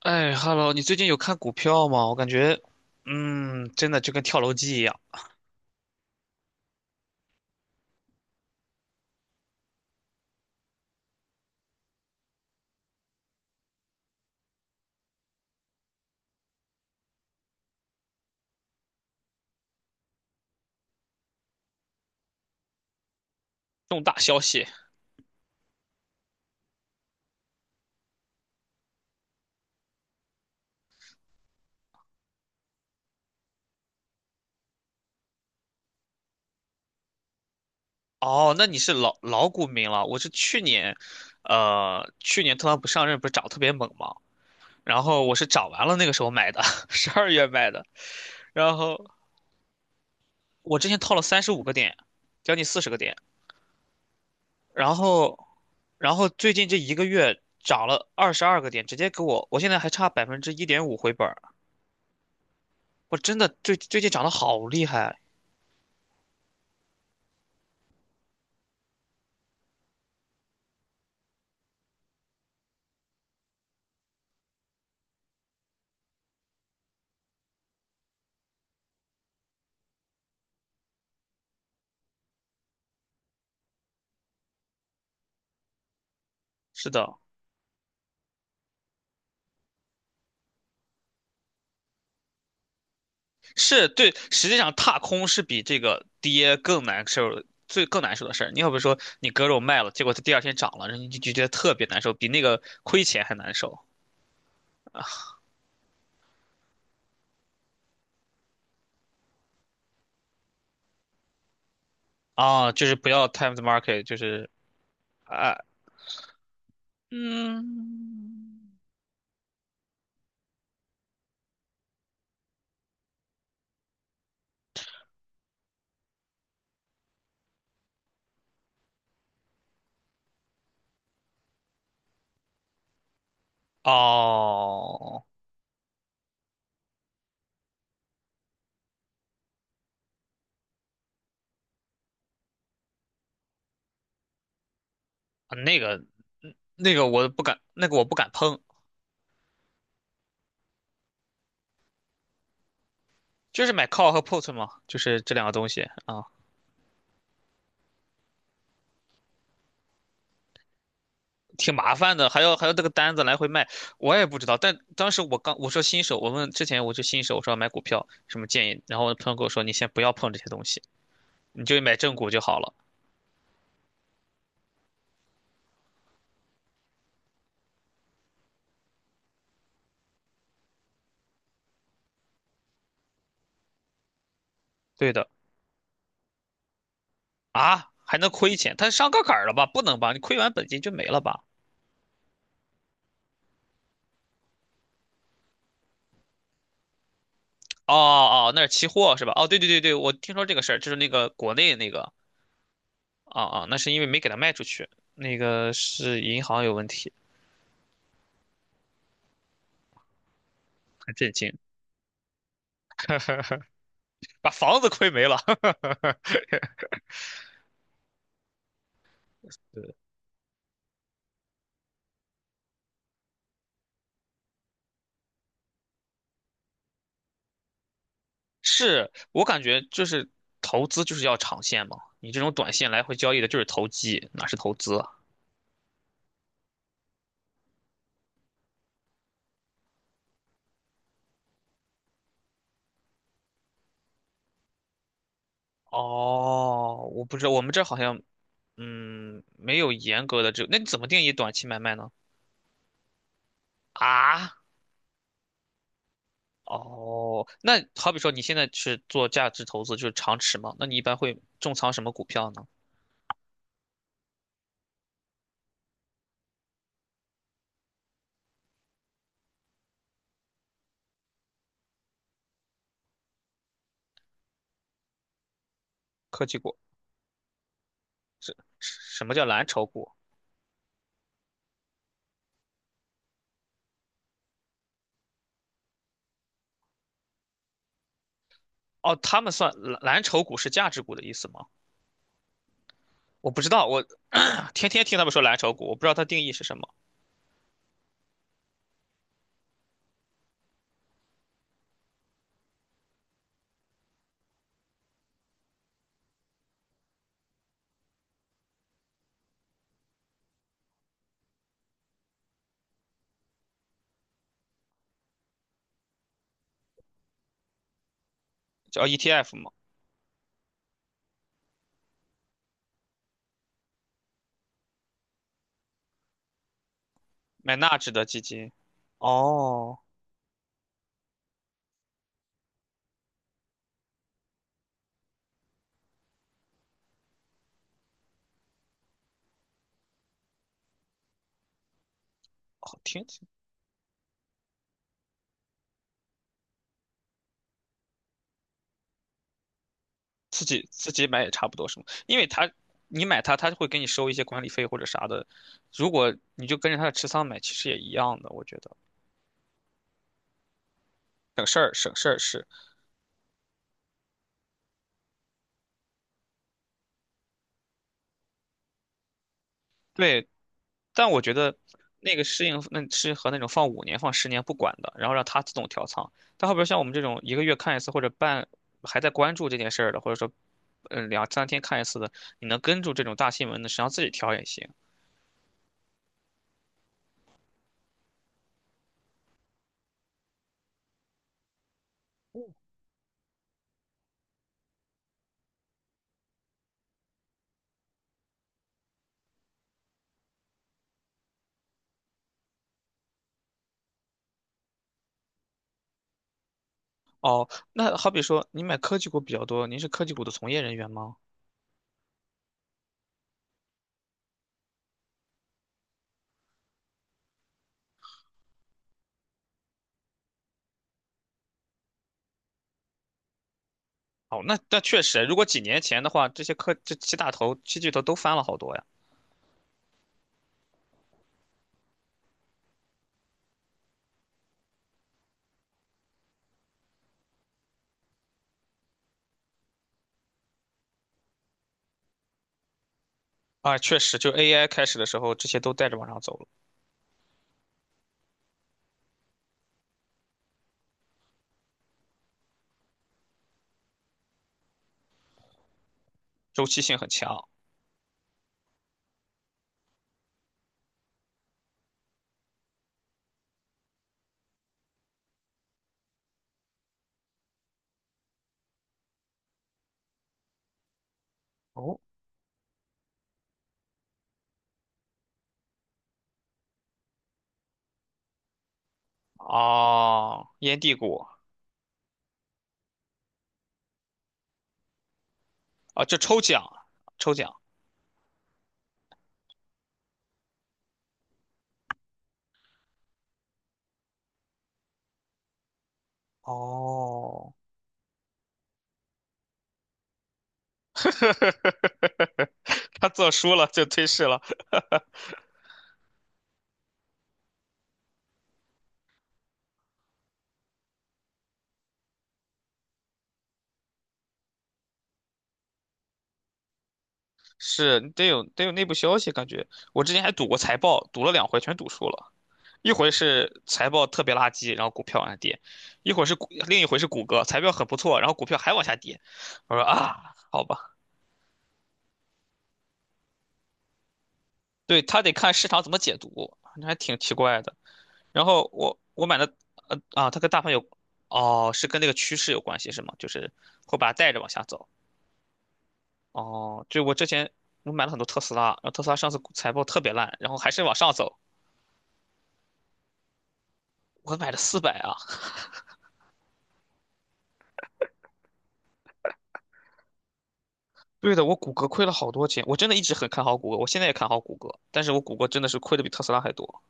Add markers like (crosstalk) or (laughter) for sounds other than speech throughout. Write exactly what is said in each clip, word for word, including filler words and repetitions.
哎，Hello，你最近有看股票吗？我感觉，嗯，真的就跟跳楼机一样。重大消息。哦，那你是老老股民了。我是去年，呃，去年特朗普上任不是涨特别猛吗？然后我是涨完了那个时候买的，(laughs) 十二月买的。然后我之前套了三十五个点，将近四十个点。然后，然后最近这一个月涨了二十二个点，直接给我，我现在还差百分之一点五回本儿。我真的最最近涨得好厉害。是的。是对，实际上踏空是比这个跌更难受，最更难受的事儿。你要不说你割肉卖了，结果它第二天涨了，然后你就觉得特别难受，比那个亏钱还难受。啊！就是不要 time the market，就是。啊，嗯，哦，那个那个我不敢，那个我不敢碰，就是买 call 和 put 嘛，就是这两个东西啊。挺麻烦的，还要还要这个单子来回卖，我也不知道。但当时我刚我说新手，我问之前我就新手，我说要买股票什么建议，然后朋友跟我说你先不要碰这些东西，你就买正股就好了。对的。啊，还能亏钱？他上杠杆儿了吧？不能吧？你亏完本金就没了吧？哦哦，那是期货是吧？哦，对对对对，我听说这个事儿，就是那个国内那个啊啊，那是因为没给他卖出去，那个是银行有问题。很震惊，把房子亏没了。(laughs) 是我感觉就是投资就是要长线嘛，你这种短线来回交易的就是投机，哪是投资啊？哦，我不知道，我们这儿好像嗯没有严格的这，那你怎么定义短期买卖呢？啊，哦，那好比说你现在是做价值投资，就是长持嘛，那你一般会重仓什么股票呢？科技股？什么叫蓝筹股？哦，他们算蓝蓝筹股是价值股的意思吗？我不知道，我 (coughs) (clears throat) 天天听他们说蓝筹股，我不知道它定义是什么，叫 E T F 吗？买纳指的基金。哦，好听。自己自己买也差不多是吗？因为他你买它，他就会给你收一些管理费或者啥的。如果你就跟着他的持仓买，其实也一样的，我觉得省事儿。省事儿是。对，但我觉得那个适应那适合那种放五年放十年不管的，然后让它自动调仓。但后边像我们这种一个月看一次或者半还在关注这件事儿的，或者说嗯两三天看一次的，你能跟住这种大新闻的，实际上自己调也行。哦，那好比说，您买科技股比较多，您是科技股的从业人员吗？哦，那那确实，如果几年前的话，这些科这七大头、七巨头都翻了好多呀。啊，确实，就 A I 开始的时候，这些都带着往上走了。周期性很强。哦，哦，烟蒂股。啊，就抽奖，抽奖。哦，(laughs) 他做输了就退市了。是得有得有内部消息，感觉我之前还赌过财报，赌了两回全赌输了。一回是财报特别垃圾，然后股票往下跌；一会儿是股，另一回是谷歌，财报很不错，然后股票还往下跌。我说啊，好吧，对，他得看市场怎么解读，那还挺奇怪的。然后我我买的呃啊，它跟大盘有。哦，是跟那个趋势有关系是吗？就是会把它带着往下走。哦，就我之前我买了很多特斯拉，然后特斯拉上次股财报特别烂，然后还是往上走，我买了四百啊，对的，我谷歌亏了好多钱，我真的一直很看好谷歌，我现在也看好谷歌，但是我谷歌真的是亏的比特斯拉还多，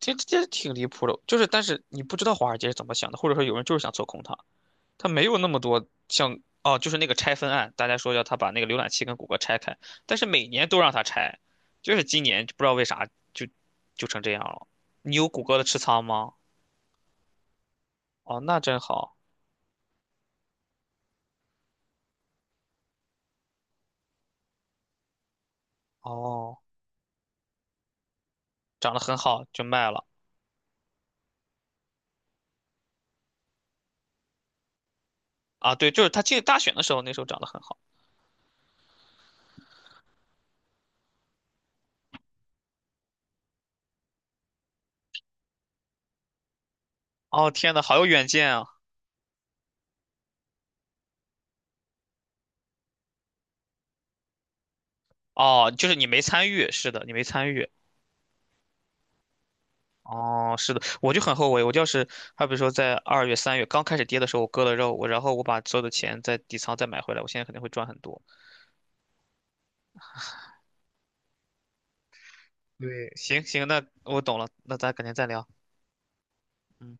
这这挺离谱的。就是，但是你不知道华尔街是怎么想的，或者说有人就是想做空它，它没有那么多像。哦，就是那个拆分案，大家说要他把那个浏览器跟谷歌拆开，但是每年都让他拆，就是今年就不知道为啥就就成这样了。你有谷歌的持仓吗？哦，那真好。哦，涨得很好就卖了。啊，对，就是他进大选的时候，那时候涨得很好。哦，天呐，好有远见啊！哦，就是你没参与，是的，你没参与。哦，是的，我就很后悔，我就是，还比如说在二月、三月刚开始跌的时候，我割了肉，我然后我把所有的钱在底仓再买回来，我现在肯定会赚很多。对，行行，那我懂了，那咱改天再聊。嗯。